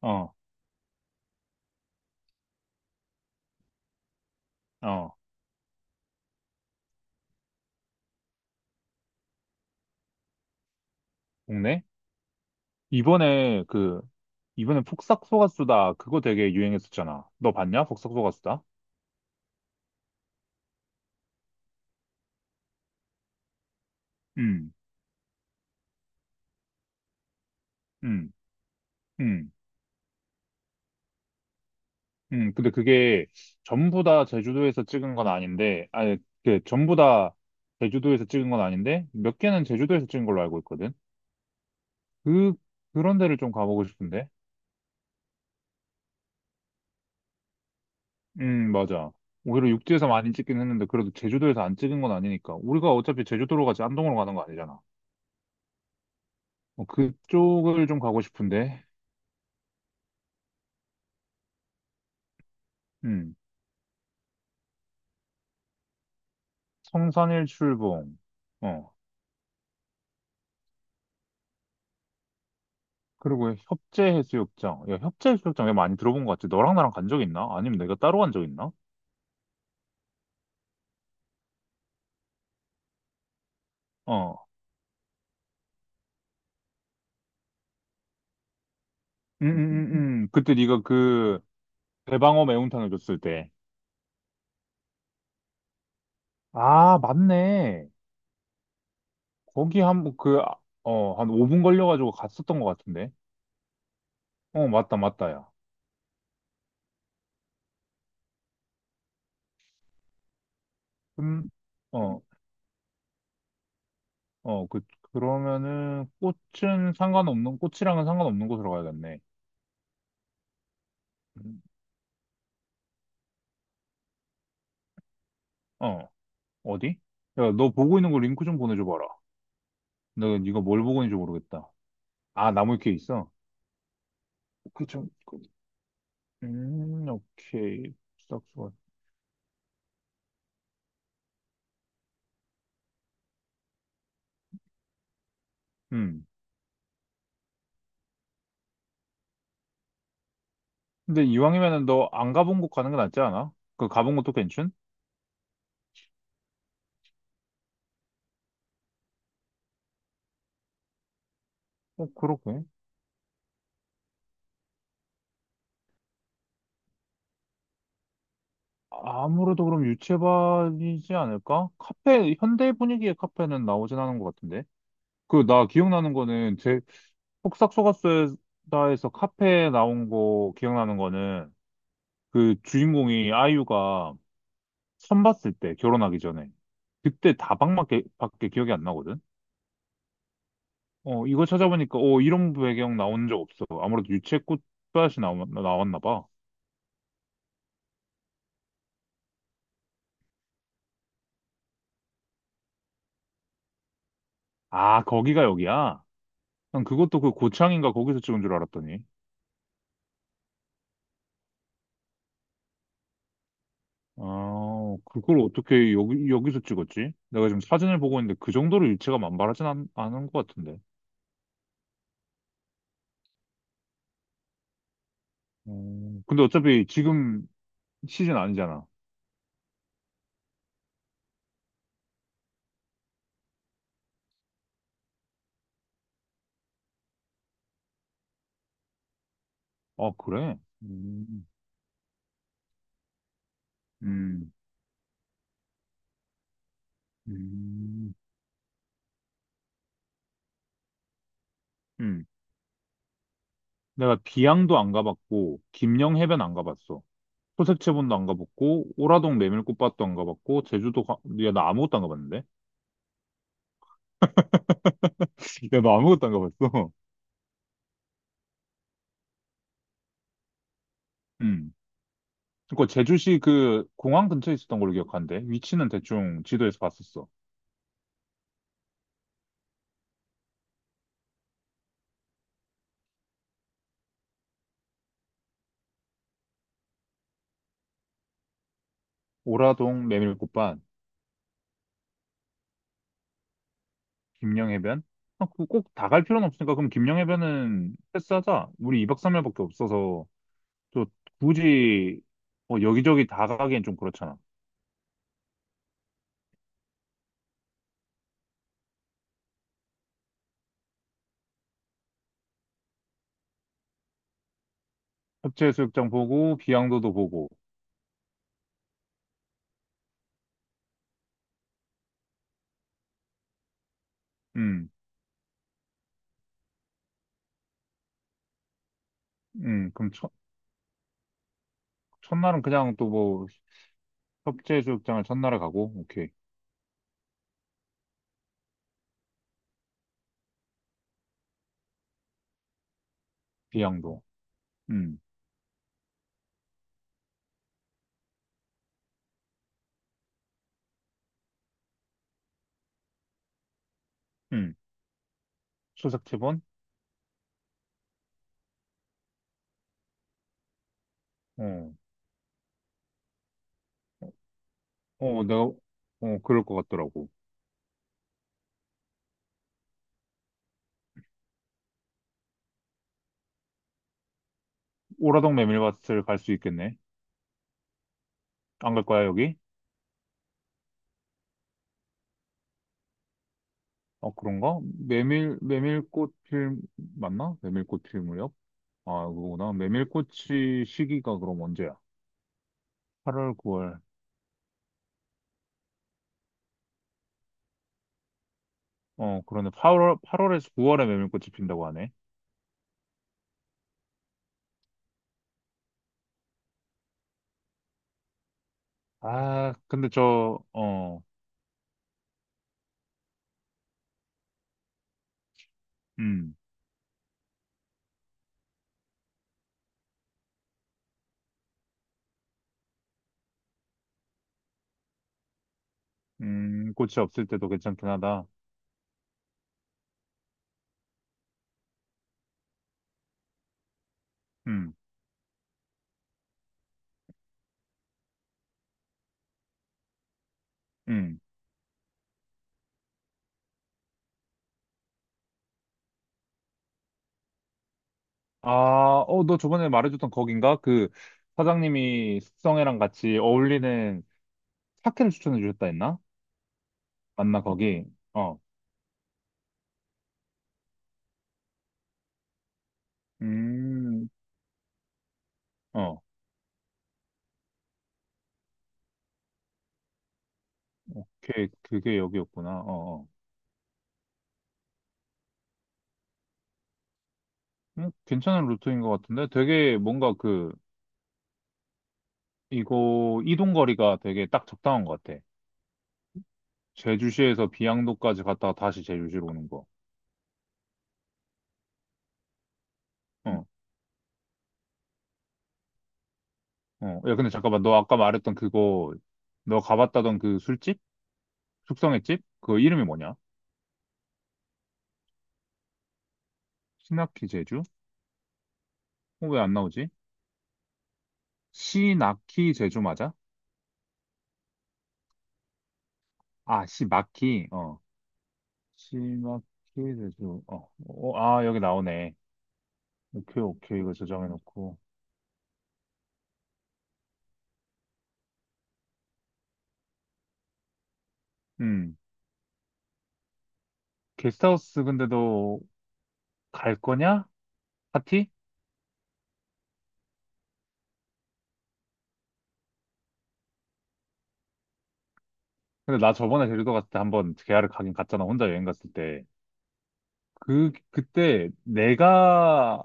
어, 어, 국내? 이번에 그, 이번에 폭삭소가수다 그거 되게 유행했었잖아. 너 봤냐? 폭삭소가수다. 음, 음, 음, 근데 그게 전부 다 제주도에서 찍은 건 아닌데, 아니, 그, 전부 다 제주도에서 찍은 건 아닌데, 몇 개는 제주도에서 찍은 걸로 알고 있거든? 그, 그런 데를 좀 가보고 싶은데. 맞아. 오히려 육지에서 많이 찍긴 했는데, 그래도 제주도에서 안 찍은 건 아니니까. 우리가 어차피 제주도로 가지 안동으로 가는 거 아니잖아. 어, 그쪽을 좀 가고 싶은데. 성산일 출봉. 어. 그리고 협재해수욕장. 야, 협재해수욕장 내가 많이 들어본 것 같아. 너랑 나랑 간 적 있나? 아니면 내가 따로 간 적 있나? 어. 그때 네가 그 대방어 매운탕을 줬을 때. 아, 맞네. 거기 한, 그, 아, 어, 한 5분 걸려가지고 갔었던 것 같은데. 어, 맞다, 맞다, 야. 음, 어, 어, 그, 그러면은 꽃이랑은 상관없는 곳으로 가야겠네. 음, 어, 어디? 야, 너 보고 있는 거 링크 좀 보내줘봐라. 나 이거 뭘 보고 있는지 모르겠다. 아, 나무위키에 있어? 그 좀, 그- 오케이. 싹수가. 음. 근데 이왕이면은 너 안 가본 곳 가는 게 낫지 않아? 그 가본 곳도 괜찮? 어, 그렇게. 아무래도 그럼 유채밭이지 않을까? 카페, 현대 분위기의 카페는 나오진 않은 것 같은데. 그, 나 기억나는 거는, 제, 폭싹 속았수다에서 카페에 나온 거 기억나는 거는, 그 주인공이 아이유가 처음 봤을 때, 결혼하기 전에. 그때 다방밖에 밖에 기억이 안 나거든? 어, 이거 찾아보니까, 어, 이런 배경 나온 적 없어. 아무래도 유채 꽃밭이 나왔나 봐. 아, 거기가 여기야? 난 그것도 그 고창인가 거기서 찍은 줄 알았더니. 아, 그걸 어떻게 여기, 여기서 찍었지? 내가 지금 사진을 보고 있는데 그 정도로 유채가 만발하진 않은 것 같은데. 근데 어차피 지금 시즌 아니잖아. 아, 그래? 음, 음, 음, 음. 내가 비양도 안 가봤고, 김영해변 안 가봤어. 소색체본도 안 가봤고, 오라동 메밀꽃밭도 안 가봤고, 야, 나 아무것도 안 가봤는데? 야, 나 아무것도 안 가봤어? 음. 그니까 제주시 그 공항 근처에 있었던 걸로 기억하는데, 위치는 대충 지도에서 봤었어. 오라동 메밀꽃밭, 김영해변? 아, 그꼭 다 갈 필요는 없으니까, 그럼 김영해변은 패스하자. 우리 2박 3일밖에 없어서, 또 굳이 뭐 여기저기 다 가기엔 좀 그렇잖아. 협재해수욕장 보고, 비양도도 보고, 응. 음, 그럼 첫, 첫날은 협재 수욕장을 첫날에 가고, 오케이. 비양도. 음, 음. 수색체본? 어, 어, 그럴 것 같더라고. 오라동 메밀밭을 갈 수 있겠네. 안 갈 거야, 여기? 어, 그런가? 메밀꽃 필, 맞나? 메밀꽃 필무렵? 아, 그거구나. 메밀꽃이 시기가 그럼 언제야? 8월, 9월. 어, 그러네. 8월, 8월에서 9월에 메밀꽃이 핀다고 하네. 아, 근데 저, 어, 음. 꽃이 없을 때도 괜찮긴 하다. 음, 음. 아, 너 저번에 말해줬던 거긴가? 그 사장님이 숙성회랑 같이 어울리는 사케를 추천해 주셨다 했나? 맞나, 거기? 어, 음, 어, 오케이. 그게 여기였구나. 어, 어. 괜찮은 루트인 것 같은데? 되게 이거 이동 거리가 되게 딱 적당한 것 같아. 제주시에서 비양도까지 갔다가 다시 제주시로 오는 거. 어, 어. 야, 근데 잠깐만. 너 아까 말했던 그거 너 가봤다던 그 술집? 숙성의 집? 그 이름이 뭐냐? 시나키 제주? 어, 왜 안 나오지? 시나키 제주 맞아? 아, 시마키. 어. 시마키 제주. 어. 어, 아, 여기 나오네. 오케이, 오케이. 이거 저장해 놓고. 음. 게스트하우스 근데도 갈 거냐? 파티? 근데 나 저번에 제주도 갔을 때 한번 계야를 가긴 갔잖아. 혼자 여행 갔을 때. 그때 내가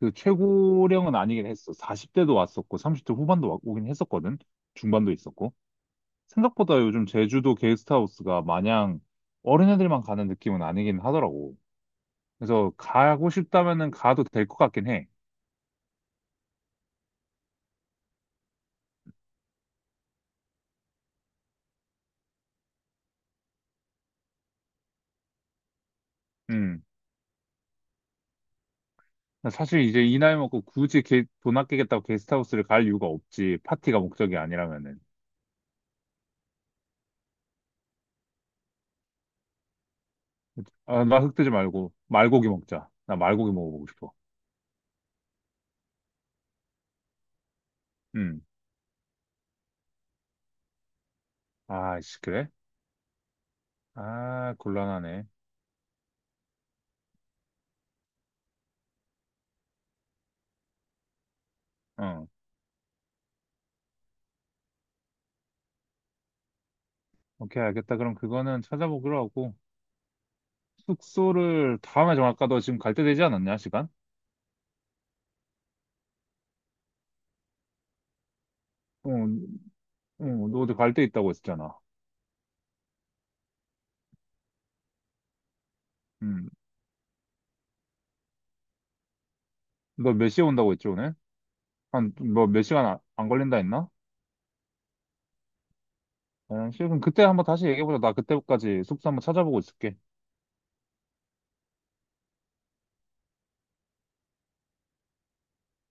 그 최고령은 아니긴 했어. 40대도 왔었고, 30대 후반도 오긴 했었거든. 중반도 있었고. 생각보다 요즘 제주도 게스트하우스가 마냥 어린애들만 가는 느낌은 아니긴 하더라고. 그래서 가고 싶다면은 가도 될 것 같긴 해. 음. 사실 이제 이 나이 먹고 돈 아끼겠다고 게스트하우스를 갈 이유가 없지. 파티가 목적이 아니라면은. 아, 나 흑돼지 말고 말고기 먹자. 나 말고기 먹어보고 싶어. 음. 아이씨, 그래? 아, 곤란하네. 어. 오케이, 알겠다. 그럼 그거는 찾아보기로 하고. 숙소를 다음에 정할까? 너 지금 갈 때 되지 않았냐, 시간? 어, 어, 너 어디 갈 데 있다고 했잖아. 음. 너 몇 시에 온다고 했지, 오늘? 뭐 몇 시간 안 걸린다 했나? 1시 그럼 그때 한번 다시 얘기해보자. 나 그때까지 숙소 한번 찾아보고 있을게.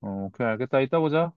어, 오케이, 알겠다. 이따 보자.